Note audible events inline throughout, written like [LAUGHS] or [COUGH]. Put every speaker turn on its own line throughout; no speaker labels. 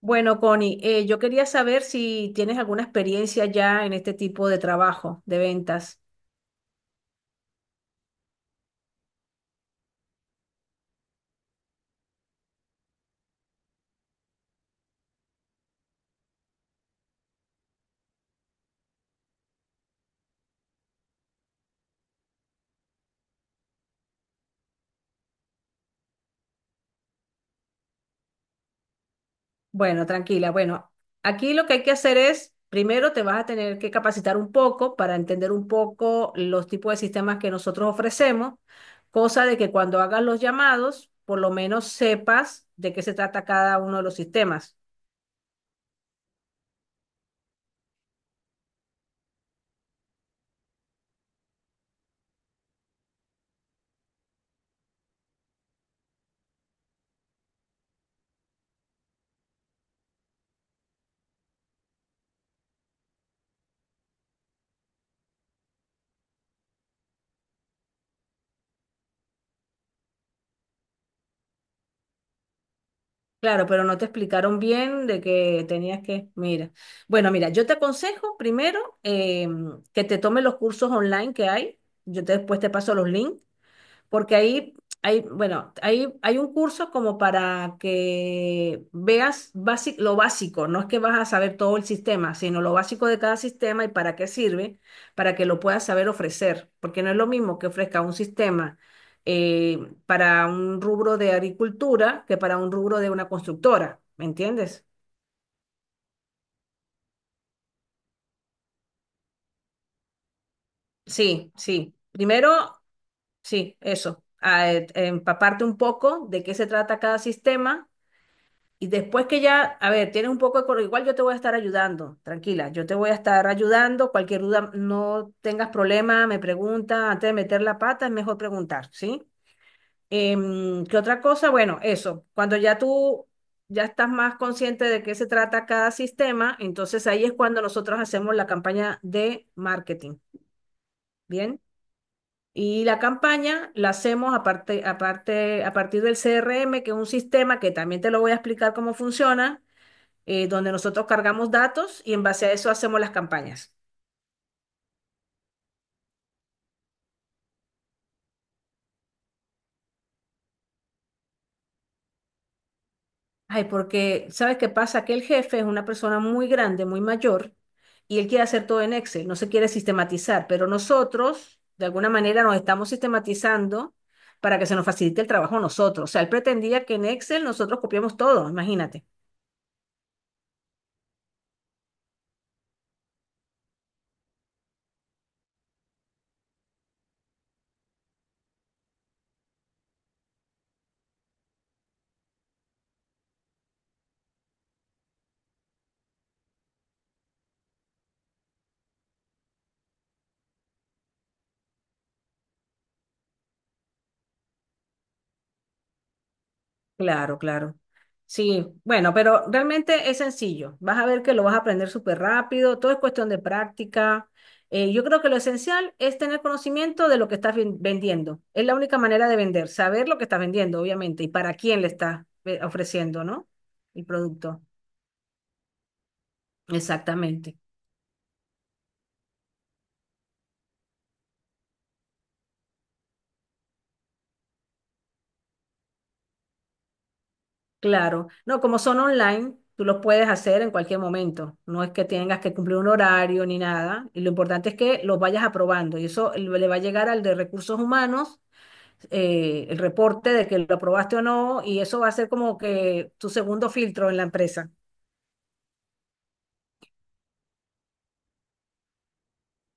Bueno, Connie, yo quería saber si tienes alguna experiencia ya en este tipo de trabajo de ventas. Bueno, tranquila. Bueno, aquí lo que hay que hacer es, primero te vas a tener que capacitar un poco para entender un poco los tipos de sistemas que nosotros ofrecemos, cosa de que cuando hagas los llamados, por lo menos sepas de qué se trata cada uno de los sistemas. Claro, pero no te explicaron bien de que tenías que, mira. Bueno, mira, yo te aconsejo primero que te tomes los cursos online que hay. Después te paso los links porque ahí hay, bueno, ahí hay un curso como para que veas lo básico, no es que vas a saber todo el sistema, sino lo básico de cada sistema y para qué sirve, para que lo puedas saber ofrecer, porque no es lo mismo que ofrezca un sistema eh, para un rubro de agricultura que para un rubro de una constructora, ¿me entiendes? Sí, sí. Primero, sí, eso, empaparte un poco de qué se trata cada sistema. Y después que ya, a ver, tienes un poco de coro, igual yo te voy a estar ayudando, tranquila, yo te voy a estar ayudando, cualquier duda, no tengas problema, me pregunta, antes de meter la pata es mejor preguntar, ¿sí? ¿Qué otra cosa? Bueno, eso, cuando ya tú ya estás más consciente de qué se trata cada sistema, entonces ahí es cuando nosotros hacemos la campaña de marketing, ¿bien? Y la campaña la hacemos aparte, aparte, a partir del CRM, que es un sistema que también te lo voy a explicar cómo funciona, donde nosotros cargamos datos y en base a eso hacemos las campañas. Ay, porque, ¿sabes qué pasa? Que el jefe es una persona muy grande, muy mayor, y él quiere hacer todo en Excel, no se quiere sistematizar, pero nosotros, de alguna manera, nos estamos sistematizando para que se nos facilite el trabajo a nosotros. O sea, él pretendía que en Excel nosotros copiamos todo, imagínate. Claro, claro. Sí, bueno, pero realmente es sencillo. Vas a ver que lo vas a aprender súper rápido, todo es cuestión de práctica. Yo creo que lo esencial es tener conocimiento de lo que estás vendiendo. Es la única manera de vender, saber lo que estás vendiendo, obviamente, y para quién le estás ofreciendo, ¿no? El producto. Exactamente. Claro. No, como son online, tú los puedes hacer en cualquier momento. No es que tengas que cumplir un horario ni nada. Y lo importante es que los vayas aprobando. Y eso le va a llegar al de recursos humanos, el reporte de que lo aprobaste o no, y eso va a ser como que tu segundo filtro en la empresa.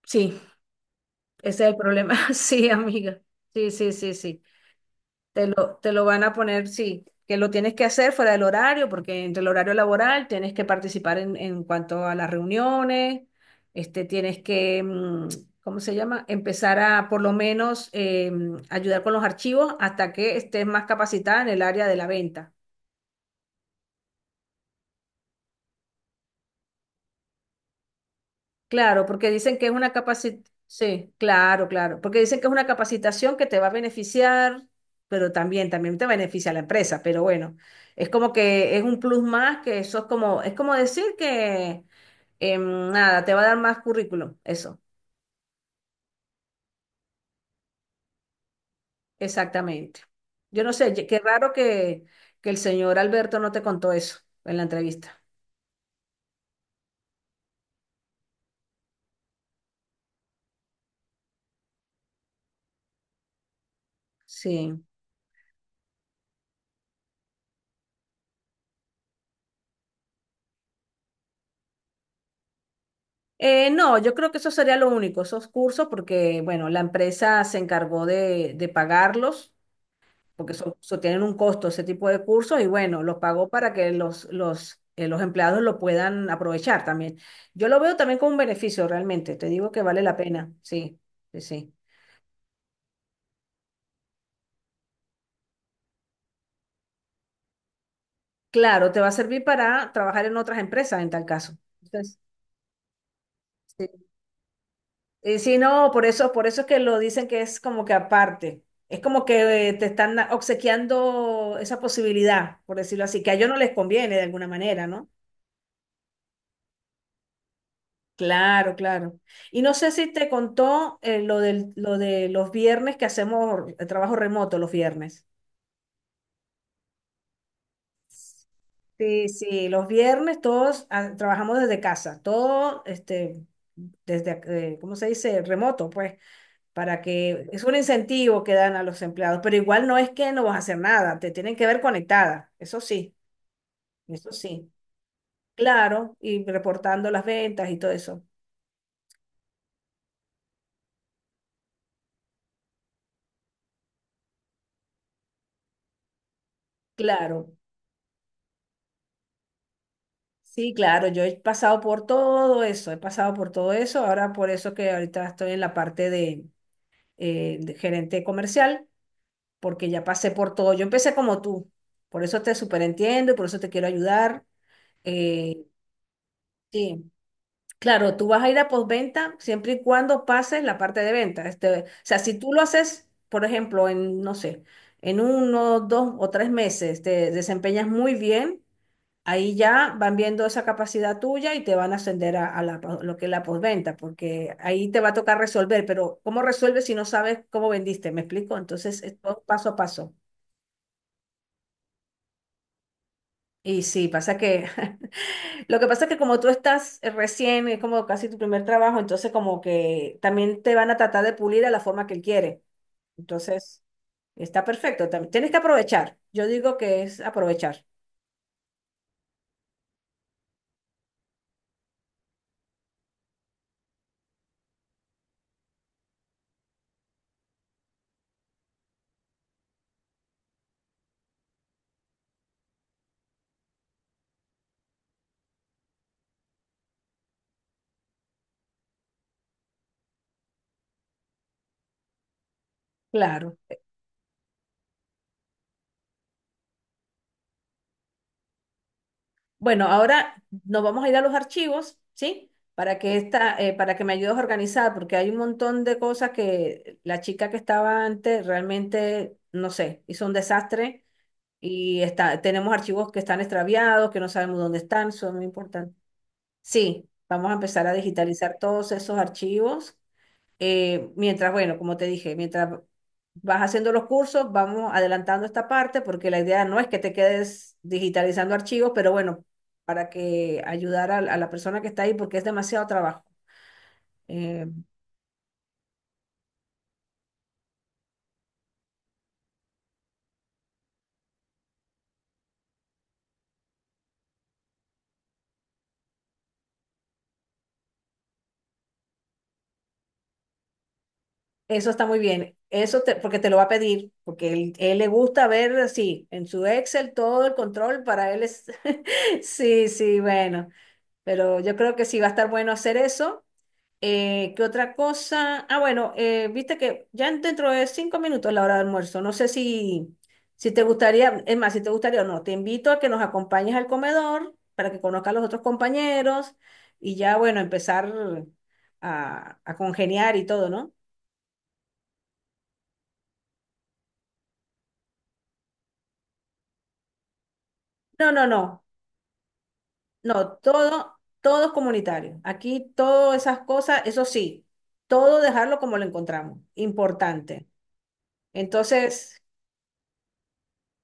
Sí, ese es el problema. [LAUGHS] Sí, amiga. Sí, sí, sí, sí. Te lo van a poner, sí, que lo tienes que hacer fuera del horario, porque entre el horario laboral tienes que participar en cuanto a las reuniones, este, tienes que, ¿cómo se llama? Empezar a por lo menos ayudar con los archivos hasta que estés más capacitada en el área de la venta. Claro, porque dicen que es una capacitación, sí, claro, claro, porque dicen que es una capacitación que te va a beneficiar, pero también, también te beneficia a la empresa, pero bueno, es como que es un plus más, que eso es como decir que nada, te va a dar más currículum, eso, exactamente. Yo no sé, qué raro que el señor Alberto no te contó eso en la entrevista. Sí. No, yo creo que eso sería lo único, esos cursos, porque, bueno, la empresa se encargó de pagarlos. Porque son, tienen un costo ese tipo de cursos y bueno, los pago para que los empleados lo puedan aprovechar también. Yo lo veo también como un beneficio realmente, te digo que vale la pena, sí, sí, sí. Claro, te va a servir para trabajar en otras empresas en tal caso. Entonces, sí. Y sí, no, por eso es que lo dicen que es como que aparte. Es como que te están obsequiando esa posibilidad, por decirlo así, que a ellos no les conviene de alguna manera, ¿no? Claro, claro. Y no sé si te contó lo del, lo de los viernes, que hacemos el trabajo remoto los viernes. Sí, sí, los viernes todos ah, trabajamos desde casa, todo este, desde, ¿cómo se dice? Remoto, pues, para que es un incentivo que dan a los empleados, pero igual no es que no vas a hacer nada, te tienen que ver conectada, eso sí, claro, y reportando las ventas y todo eso, claro. Sí, claro, yo he pasado por todo eso, he pasado por todo eso, ahora por eso que ahorita estoy en la parte de gerente comercial, porque ya pasé por todo, yo empecé como tú, por eso te superentiendo y por eso te quiero ayudar. eh, sí, claro, tú vas a ir a postventa siempre y cuando pases la parte de venta. Este, o sea, si tú lo haces, por ejemplo, en, no sé, en uno, dos o tres meses, te desempeñas muy bien. Ahí ya van viendo esa capacidad tuya y te van a ascender a la, lo que es la postventa, porque ahí te va a tocar resolver, pero ¿cómo resuelves si no sabes cómo vendiste? ¿Me explico? Entonces, es todo paso a paso. Y sí, pasa que [LAUGHS] lo que pasa es que como tú estás recién, es como casi tu primer trabajo, entonces como que también te van a tratar de pulir a la forma que él quiere. Entonces, está perfecto. También tienes que aprovechar. Yo digo que es aprovechar. Claro. Bueno, ahora nos vamos a ir a los archivos, ¿sí? Para que esta, para que me ayudes a organizar, porque hay un montón de cosas que la chica que estaba antes realmente, no sé, hizo un desastre y está, tenemos archivos que están extraviados, que no sabemos dónde están, son muy importantes. Sí, vamos a empezar a digitalizar todos esos archivos, mientras, bueno, como te dije, mientras vas haciendo los cursos, vamos adelantando esta parte porque la idea no es que te quedes digitalizando archivos, pero bueno, para que ayudar a la persona que está ahí porque es demasiado trabajo. Eh, eso está muy bien. Porque te lo va a pedir, porque él le gusta ver así en su Excel todo el control, para él es [LAUGHS] sí, sí, bueno, pero yo creo que sí va a estar bueno hacer eso. ¿Qué otra cosa? Ah, bueno, viste que ya dentro de 5 minutos es la hora de almuerzo. No sé si, si te gustaría, es más, si te gustaría o no, te invito a que nos acompañes al comedor para que conozcas a los otros compañeros y ya, bueno, empezar a congeniar y todo, ¿no? No, no, no, no, todo, todo es comunitario. Aquí todas esas cosas, eso sí, todo dejarlo como lo encontramos, importante. Entonces,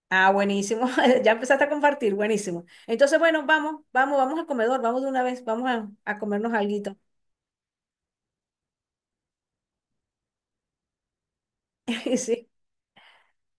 ah, buenísimo. [LAUGHS] Ya empezaste a compartir, buenísimo. Entonces, bueno, vamos, vamos, vamos al comedor, vamos de una vez, vamos a comernos alguito. [LAUGHS] Sí.